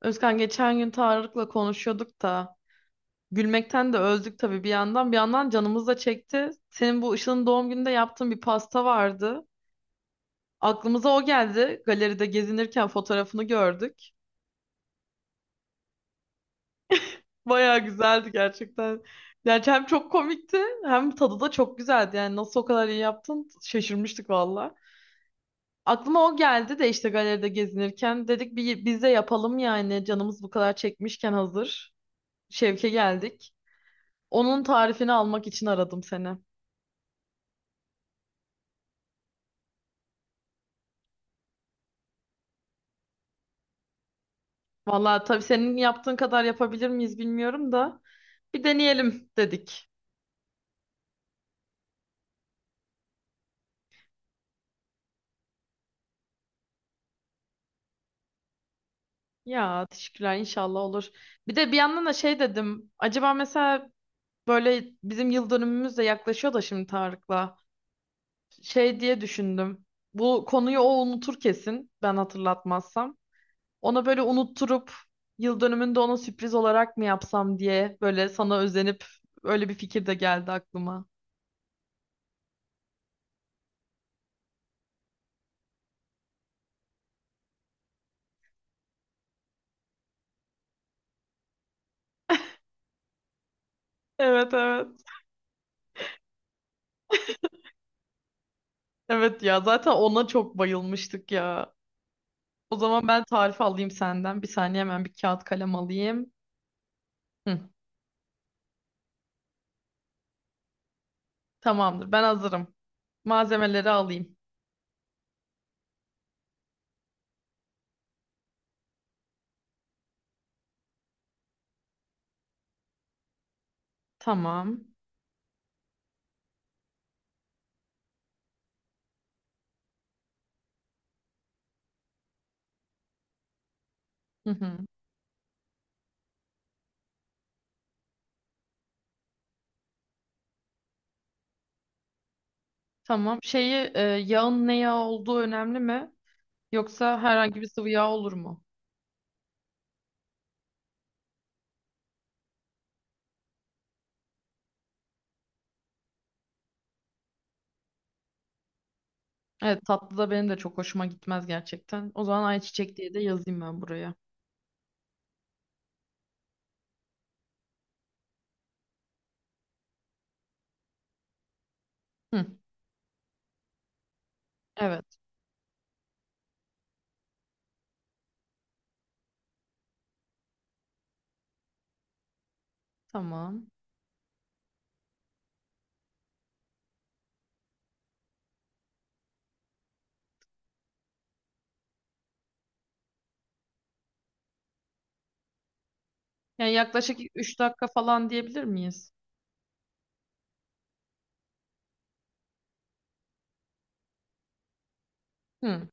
Özkan geçen gün Tarık'la konuşuyorduk da gülmekten de öldük tabii bir yandan. Bir yandan canımız da çekti. Senin bu Işıl'ın doğum gününde yaptığın bir pasta vardı. Aklımıza o geldi. Galeride gezinirken fotoğrafını gördük. Bayağı güzeldi gerçekten. Yani hem çok komikti hem tadı da çok güzeldi. Yani nasıl o kadar iyi yaptın şaşırmıştık valla. Aklıma o geldi de işte galeride gezinirken dedik biz de yapalım yani canımız bu kadar çekmişken hazır. Şevke geldik. Onun tarifini almak için aradım seni. Vallahi tabii senin yaptığın kadar yapabilir miyiz bilmiyorum da bir deneyelim dedik. Ya teşekkürler inşallah olur. Bir de bir yandan da şey dedim. Acaba mesela böyle bizim yıl dönümümüz de yaklaşıyor da şimdi Tarık'la. Şey diye düşündüm. Bu konuyu o unutur kesin ben hatırlatmazsam. Ona böyle unutturup yıl dönümünde ona sürpriz olarak mı yapsam diye böyle sana özenip öyle bir fikir de geldi aklıma. Evet evet. Evet ya zaten ona çok bayılmıştık ya. O zaman ben tarif alayım senden. Bir saniye hemen bir kağıt kalem alayım. Hı, tamamdır ben hazırım. Malzemeleri alayım. Tamam. Hı hı. Tamam. Şeyi yağın ne yağ olduğu önemli mi? Yoksa herhangi bir sıvı yağ olur mu? Evet tatlı da benim de çok hoşuma gitmez gerçekten. O zaman ayçiçek diye de yazayım ben buraya. Hı, evet tamam. Yani yaklaşık 3 dakika falan diyebilir miyiz? Hı,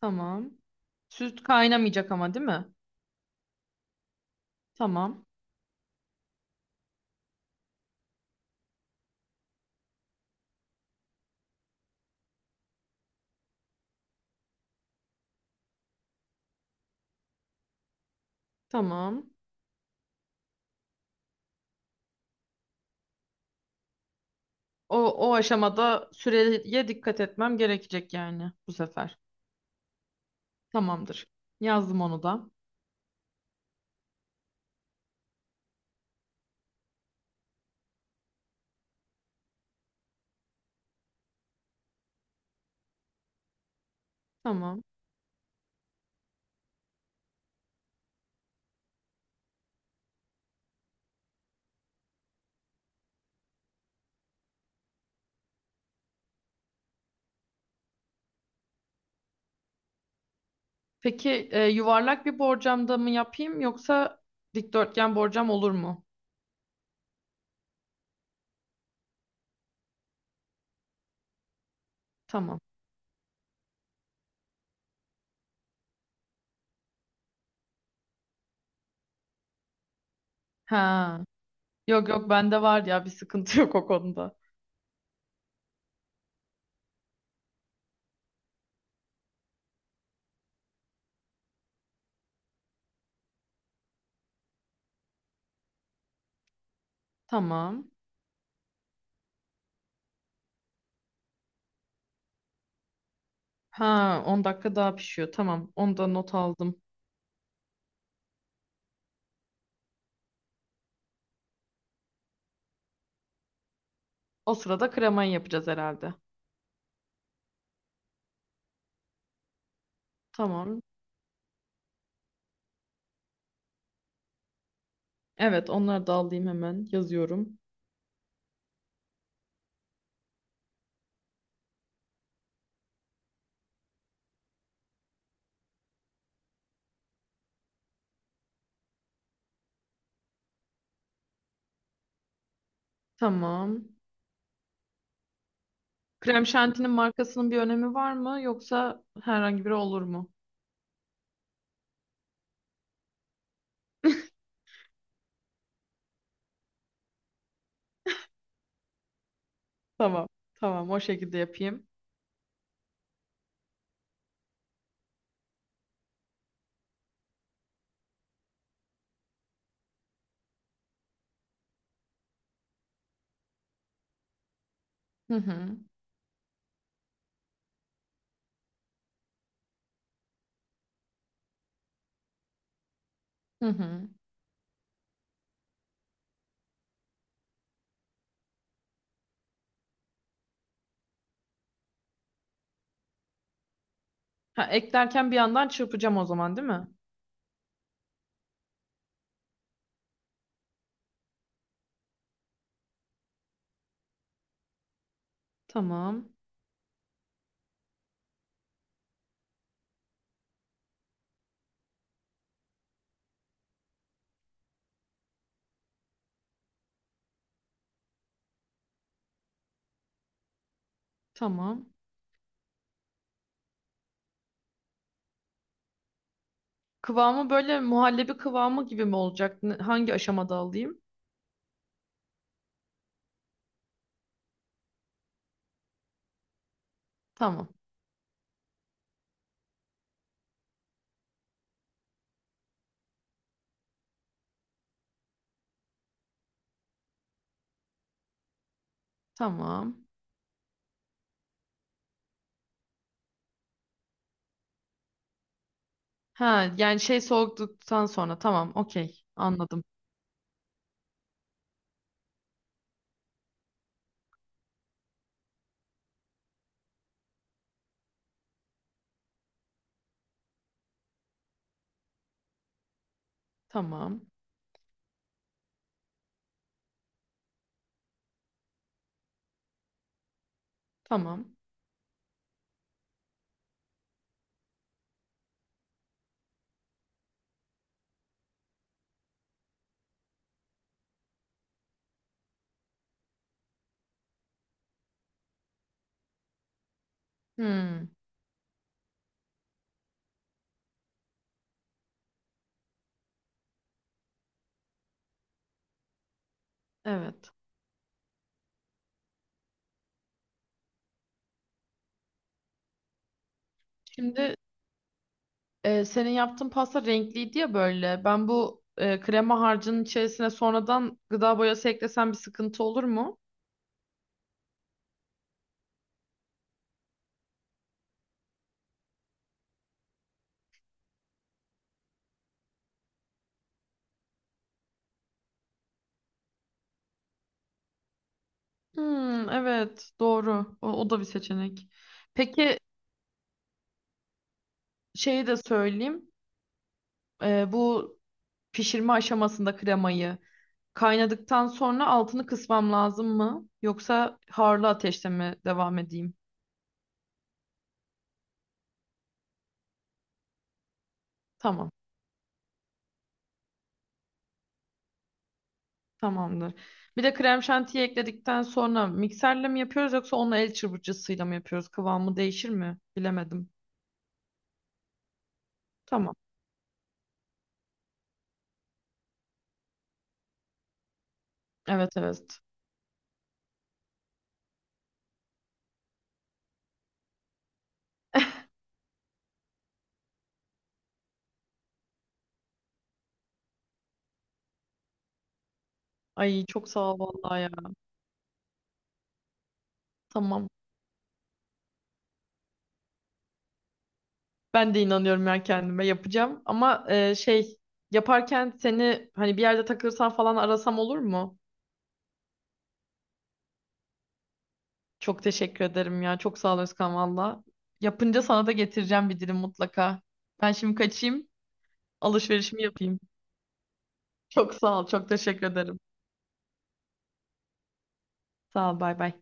tamam. Süt kaynamayacak ama değil mi? Tamam. Tamam. O, o aşamada süreye dikkat etmem gerekecek yani bu sefer. Tamamdır. Yazdım onu da. Tamam. Peki yuvarlak bir borcamda mı yapayım yoksa dikdörtgen borcam olur mu? Tamam. Ha. Yok yok bende var ya bir sıkıntı yok o konuda. Tamam. Ha 10 dakika daha pişiyor. Tamam. Onu da not aldım. O sırada kremayı yapacağız herhalde. Tamam. Evet onları da alayım hemen. Yazıyorum. Tamam. Krem şantinin markasının bir önemi var mı yoksa herhangi biri olur mu? Tamam. Tamam o şekilde yapayım. Hı hı. Hı hı. Ha, eklerken bir yandan çırpacağım o zaman değil mi? Tamam. Tamam. Kıvamı böyle muhallebi kıvamı gibi mi olacak? Hangi aşamada alayım? Tamam. Tamam. Ha yani şey soğuduktan sonra tamam okey anladım. Tamam. Tamam. Hmm, evet. Şimdi senin yaptığın pasta renkliydi ya böyle. Ben bu krema harcının içerisine sonradan gıda boyası eklesem bir sıkıntı olur mu? Hmm, evet doğru. O da bir seçenek. Peki şeyi de söyleyeyim. Bu pişirme aşamasında kremayı kaynadıktan sonra altını kısmam lazım mı? Yoksa harlı ateşte mi devam edeyim? Tamam. Tamamdır. Bir de krem şantiyi ekledikten sonra mikserle mi yapıyoruz yoksa onu el çırpıcısıyla mı yapıyoruz? Kıvamı değişir mi? Bilemedim. Tamam. Evet evet. Ay çok sağ ol vallahi ya. Tamam. Ben de inanıyorum ya kendime yapacağım. Ama şey yaparken seni hani bir yerde takılırsan falan arasam olur mu? Çok teşekkür ederim ya. Çok sağ ol Özkan valla. Yapınca sana da getireceğim bir dilim mutlaka. Ben şimdi kaçayım. Alışverişimi yapayım. Çok sağ ol. Çok teşekkür ederim. Sağ ol. Bay bay.